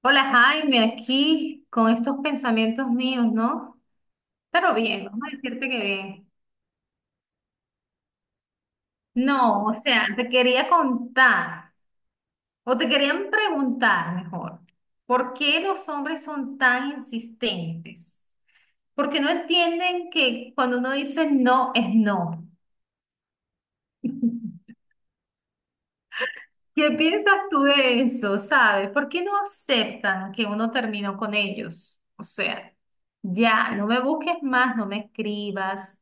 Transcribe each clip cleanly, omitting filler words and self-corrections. Hola, Jaime, aquí con estos pensamientos míos, ¿no? Pero bien, vamos a decirte que bien. No, o sea, te quería contar, o te querían preguntar mejor, ¿por qué los hombres son tan insistentes? Porque no entienden que cuando uno dice no es no. ¿Qué piensas tú de eso? ¿Sabes? ¿Por qué no aceptan que uno terminó con ellos? O sea, ya, no me busques más, no me escribas,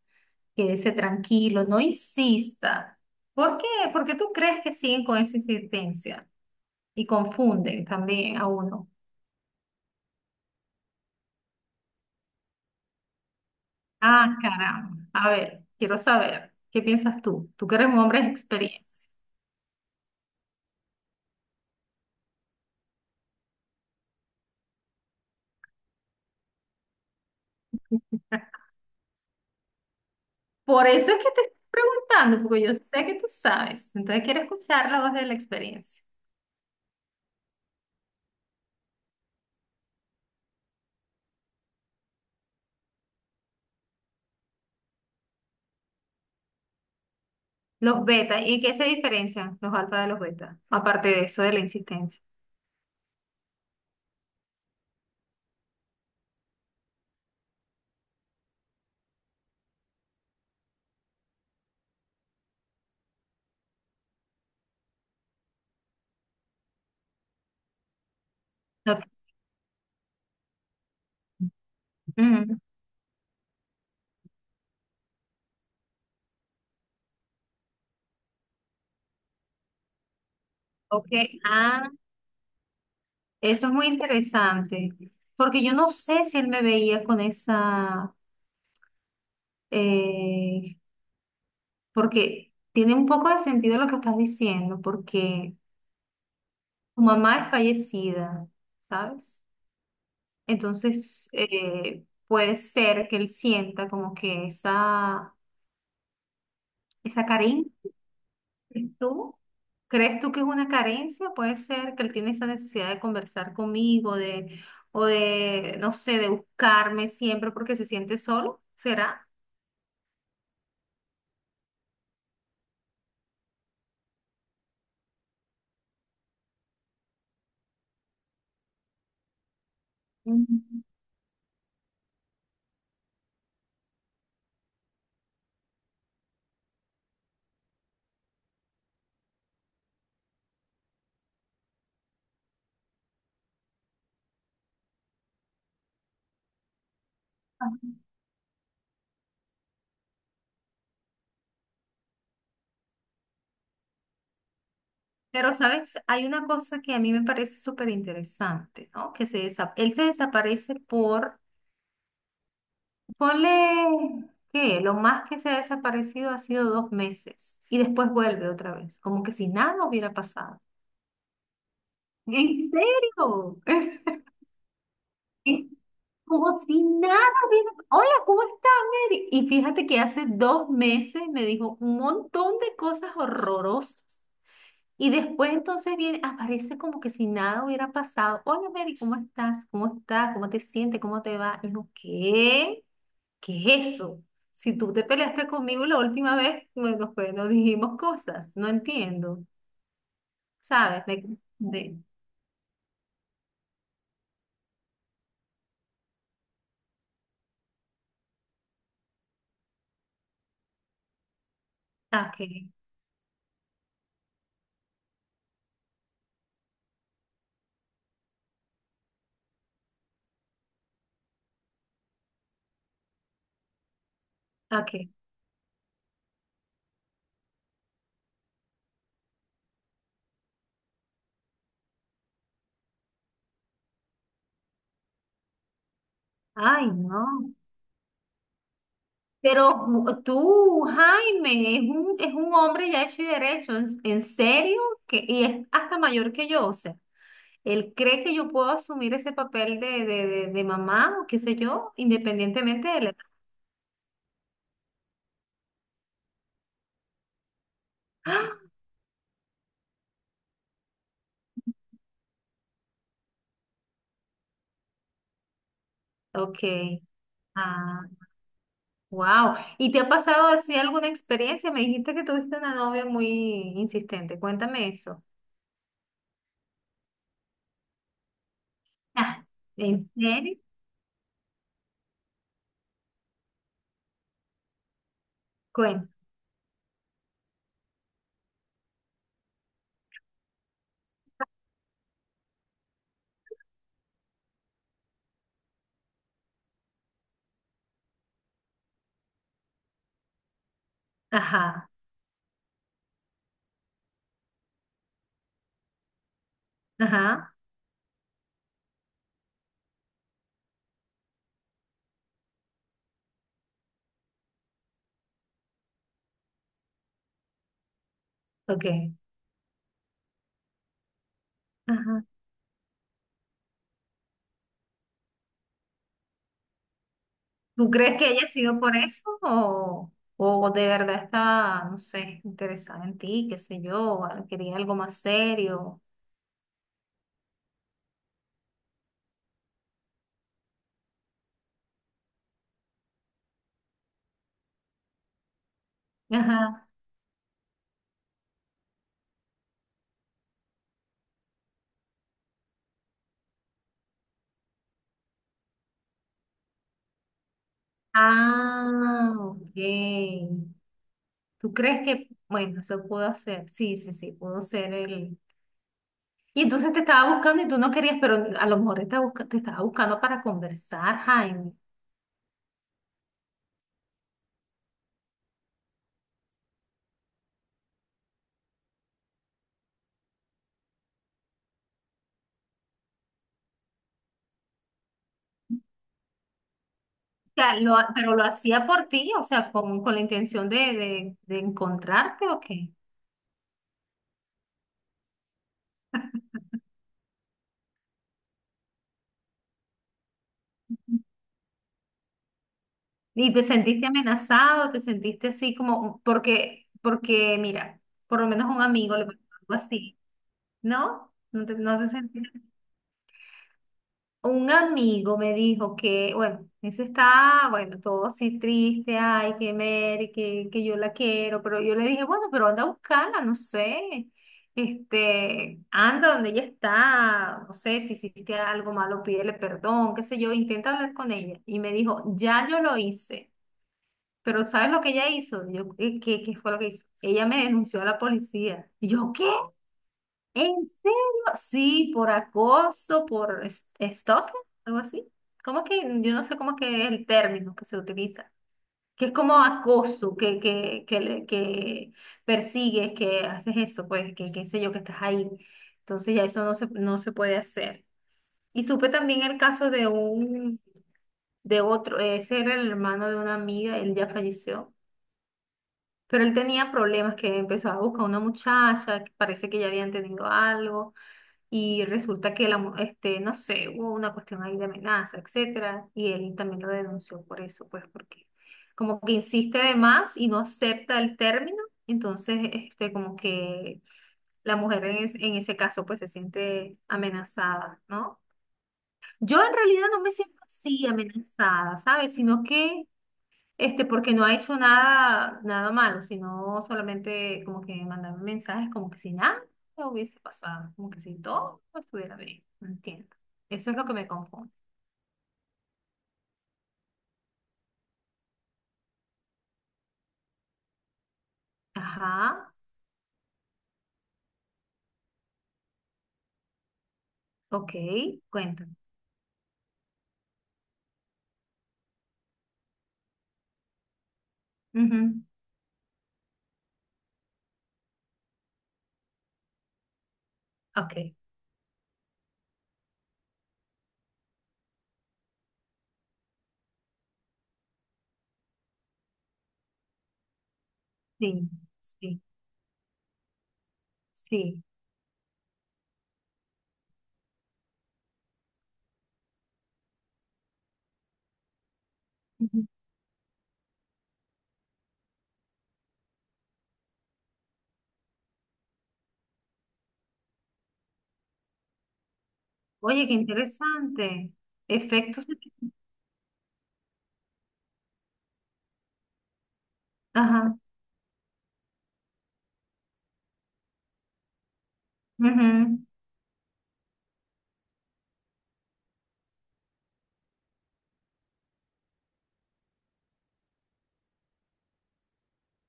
quédese tranquilo, no insista. ¿Por qué? ¿Por qué tú crees que siguen con esa insistencia? Y confunden también a uno. Ah, caramba. A ver, quiero saber, ¿qué piensas tú? Tú que eres un hombre de experiencia. Por eso es que te estoy preguntando, porque yo sé que tú sabes. Entonces quiero escuchar la voz de la experiencia. Los beta, ¿y qué se diferencian los alfa de los beta? Aparte de eso, de la insistencia. Ok. Ujú. Ok, ah, eso es muy interesante, porque yo no sé si él me veía con esa, eh, porque tiene un poco de sentido lo que estás diciendo, porque tu mamá es fallecida, ¿sabes? Entonces, puede ser que él sienta como que esa carencia. ¿Tú crees tú que es una carencia? Puede ser que él tiene esa necesidad de conversar conmigo, o de, no sé, de buscarme siempre porque se siente solo, ¿será? Mm. Pero, ¿sabes? Hay una cosa que a mí me parece súper interesante, ¿no? Que él se desaparece por, ponle, ¿qué? Lo más que se ha desaparecido ha sido dos meses y después vuelve otra vez, como que si nada hubiera pasado. ¿En serio? Como si nada, dijo, hola, ¿cómo estás, Mary? Y fíjate que hace dos meses me dijo un montón de cosas horrorosas. Y después entonces viene, aparece como que si nada hubiera pasado. Hola, Mary, ¿cómo estás? ¿Cómo estás? ¿Cómo te sientes? ¿Cómo te va? Y yo, ¿qué? ¿Qué es eso? Si tú te peleaste conmigo la última vez, bueno, pues nos dijimos cosas. No entiendo. ¿Sabes? De, ah, ok, ok. Ay, no. Pero tú, Jaime, es un, hombre ya hecho y derecho, ¿en, serio? Que, y es hasta mayor que yo, o sea, él cree que yo puedo asumir ese papel de mamá o qué sé yo, independientemente de la edad. ¡Ah! Ok, ah, wow. ¿Y te ha pasado así alguna experiencia? Me dijiste que tuviste una novia muy insistente, cuéntame eso. Ah, ¿en serio? Cuéntame. Ajá, ajá, ok. Ajá. ¿Tú crees que haya sido por eso o de verdad está, no sé, interesada en ti, qué sé yo, quería algo más serio? Ajá. Ah, ok. ¿Tú crees que, bueno, eso pudo ser? Sí, sí, sí, pudo ser el... Y entonces te estaba buscando y tú no querías, pero a lo mejor te estaba buscando para conversar, Jaime. O sea, pero lo hacía por ti, o sea, con la intención de encontrarte o qué. ¿Y te sentiste amenazado? ¿Te sentiste así como, porque mira, por lo menos un amigo le pasó algo así, ¿no? No, no se sentía. Un amigo me dijo que, bueno, ese está, bueno, todo así triste, ay, que Mary, que yo la quiero, pero yo le dije, bueno, pero anda a buscarla, no sé, este, anda donde ella está, no sé, si hiciste algo malo, pídele perdón, qué sé yo, intenta hablar con ella. Y me dijo, ya yo lo hice. Pero ¿sabes lo que ella hizo? Yo, qué fue lo que hizo? Ella me denunció a la policía. Y yo, ¿qué? ¿En serio? Sí, por acoso, por stalking, algo así. ¿Cómo que? Yo no sé cómo que es el término que se utiliza. Que es como acoso, que persigues, que haces eso, pues, que qué sé yo, que estás ahí. Entonces ya eso no se puede hacer. Y supe también el caso de otro, ese era el hermano de una amiga, él ya falleció. Pero él tenía problemas que empezó a buscar una muchacha, que parece que ya habían tenido algo, y resulta que este, no sé, hubo una cuestión ahí de amenaza, etcétera, y él también lo denunció por eso, pues porque como que insiste de más y no acepta el término, entonces este, como que la mujer en ese caso pues se siente amenazada, ¿no? Yo en realidad no me siento así amenazada, ¿sabes? Sino que este, porque no ha hecho nada, nada malo, sino solamente como que mandar mensajes como que si nada hubiese pasado, como que si todo estuviera bien, no entiendo. Eso es lo que me confunde. Ajá, ok, cuéntame. Ujú. Ok, sí, sí, sí. Ujú. Oye, qué interesante. Efectos. Ajá. Ujú.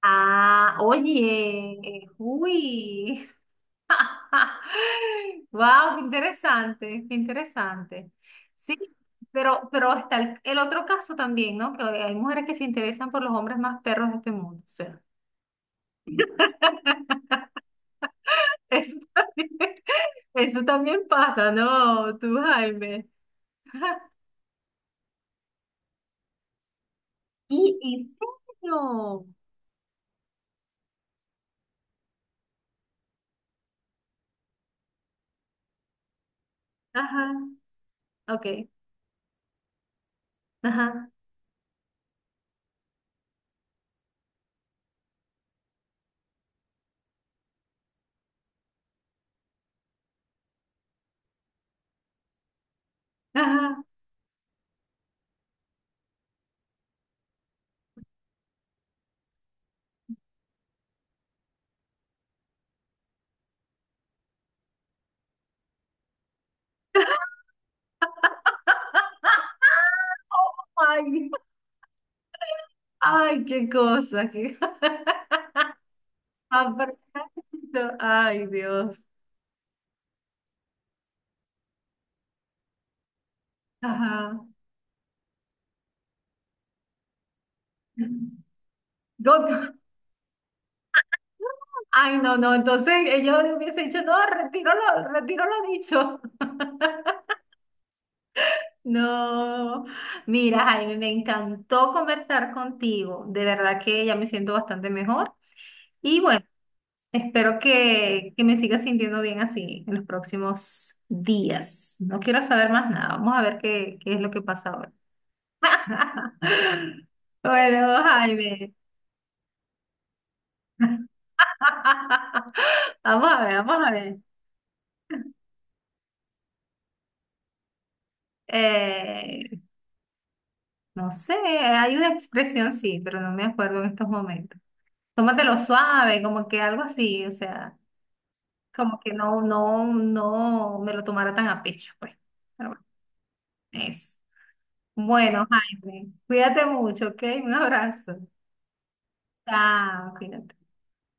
Ah, oye, uy. Wow, qué interesante, qué interesante. Sí, pero está el otro caso también, ¿no? Que hay mujeres que se interesan por los hombres más perros de este mundo. O sea, eso también, eso también pasa, ¿no? Tú, Jaime. ¿Y en serio? Ajá, ok, ajá, ajá. Oh my. Ay, qué cosa, qué. Aprendo. Ay, Dios. Ajá. Go- Ay, no, no. Entonces ellos le hubiese dicho, no, retiro lo dicho. No. Mira, Jaime, me encantó conversar contigo. De verdad que ya me siento bastante mejor. Y bueno, espero que me siga sintiendo bien así en los próximos días. No quiero saber más nada. Vamos a ver qué es lo que pasa ahora. Bueno, Jaime. Vamos a ver, vamos a ver. Eh, no sé, hay una expresión, sí, pero no me acuerdo en estos momentos. Tómatelo suave, como que algo así, o sea, como que no me lo tomara tan a pecho, pues. Pero bueno, eso. Bueno, Jaime, cuídate mucho, ¿ok? Un abrazo. Chao, cuídate.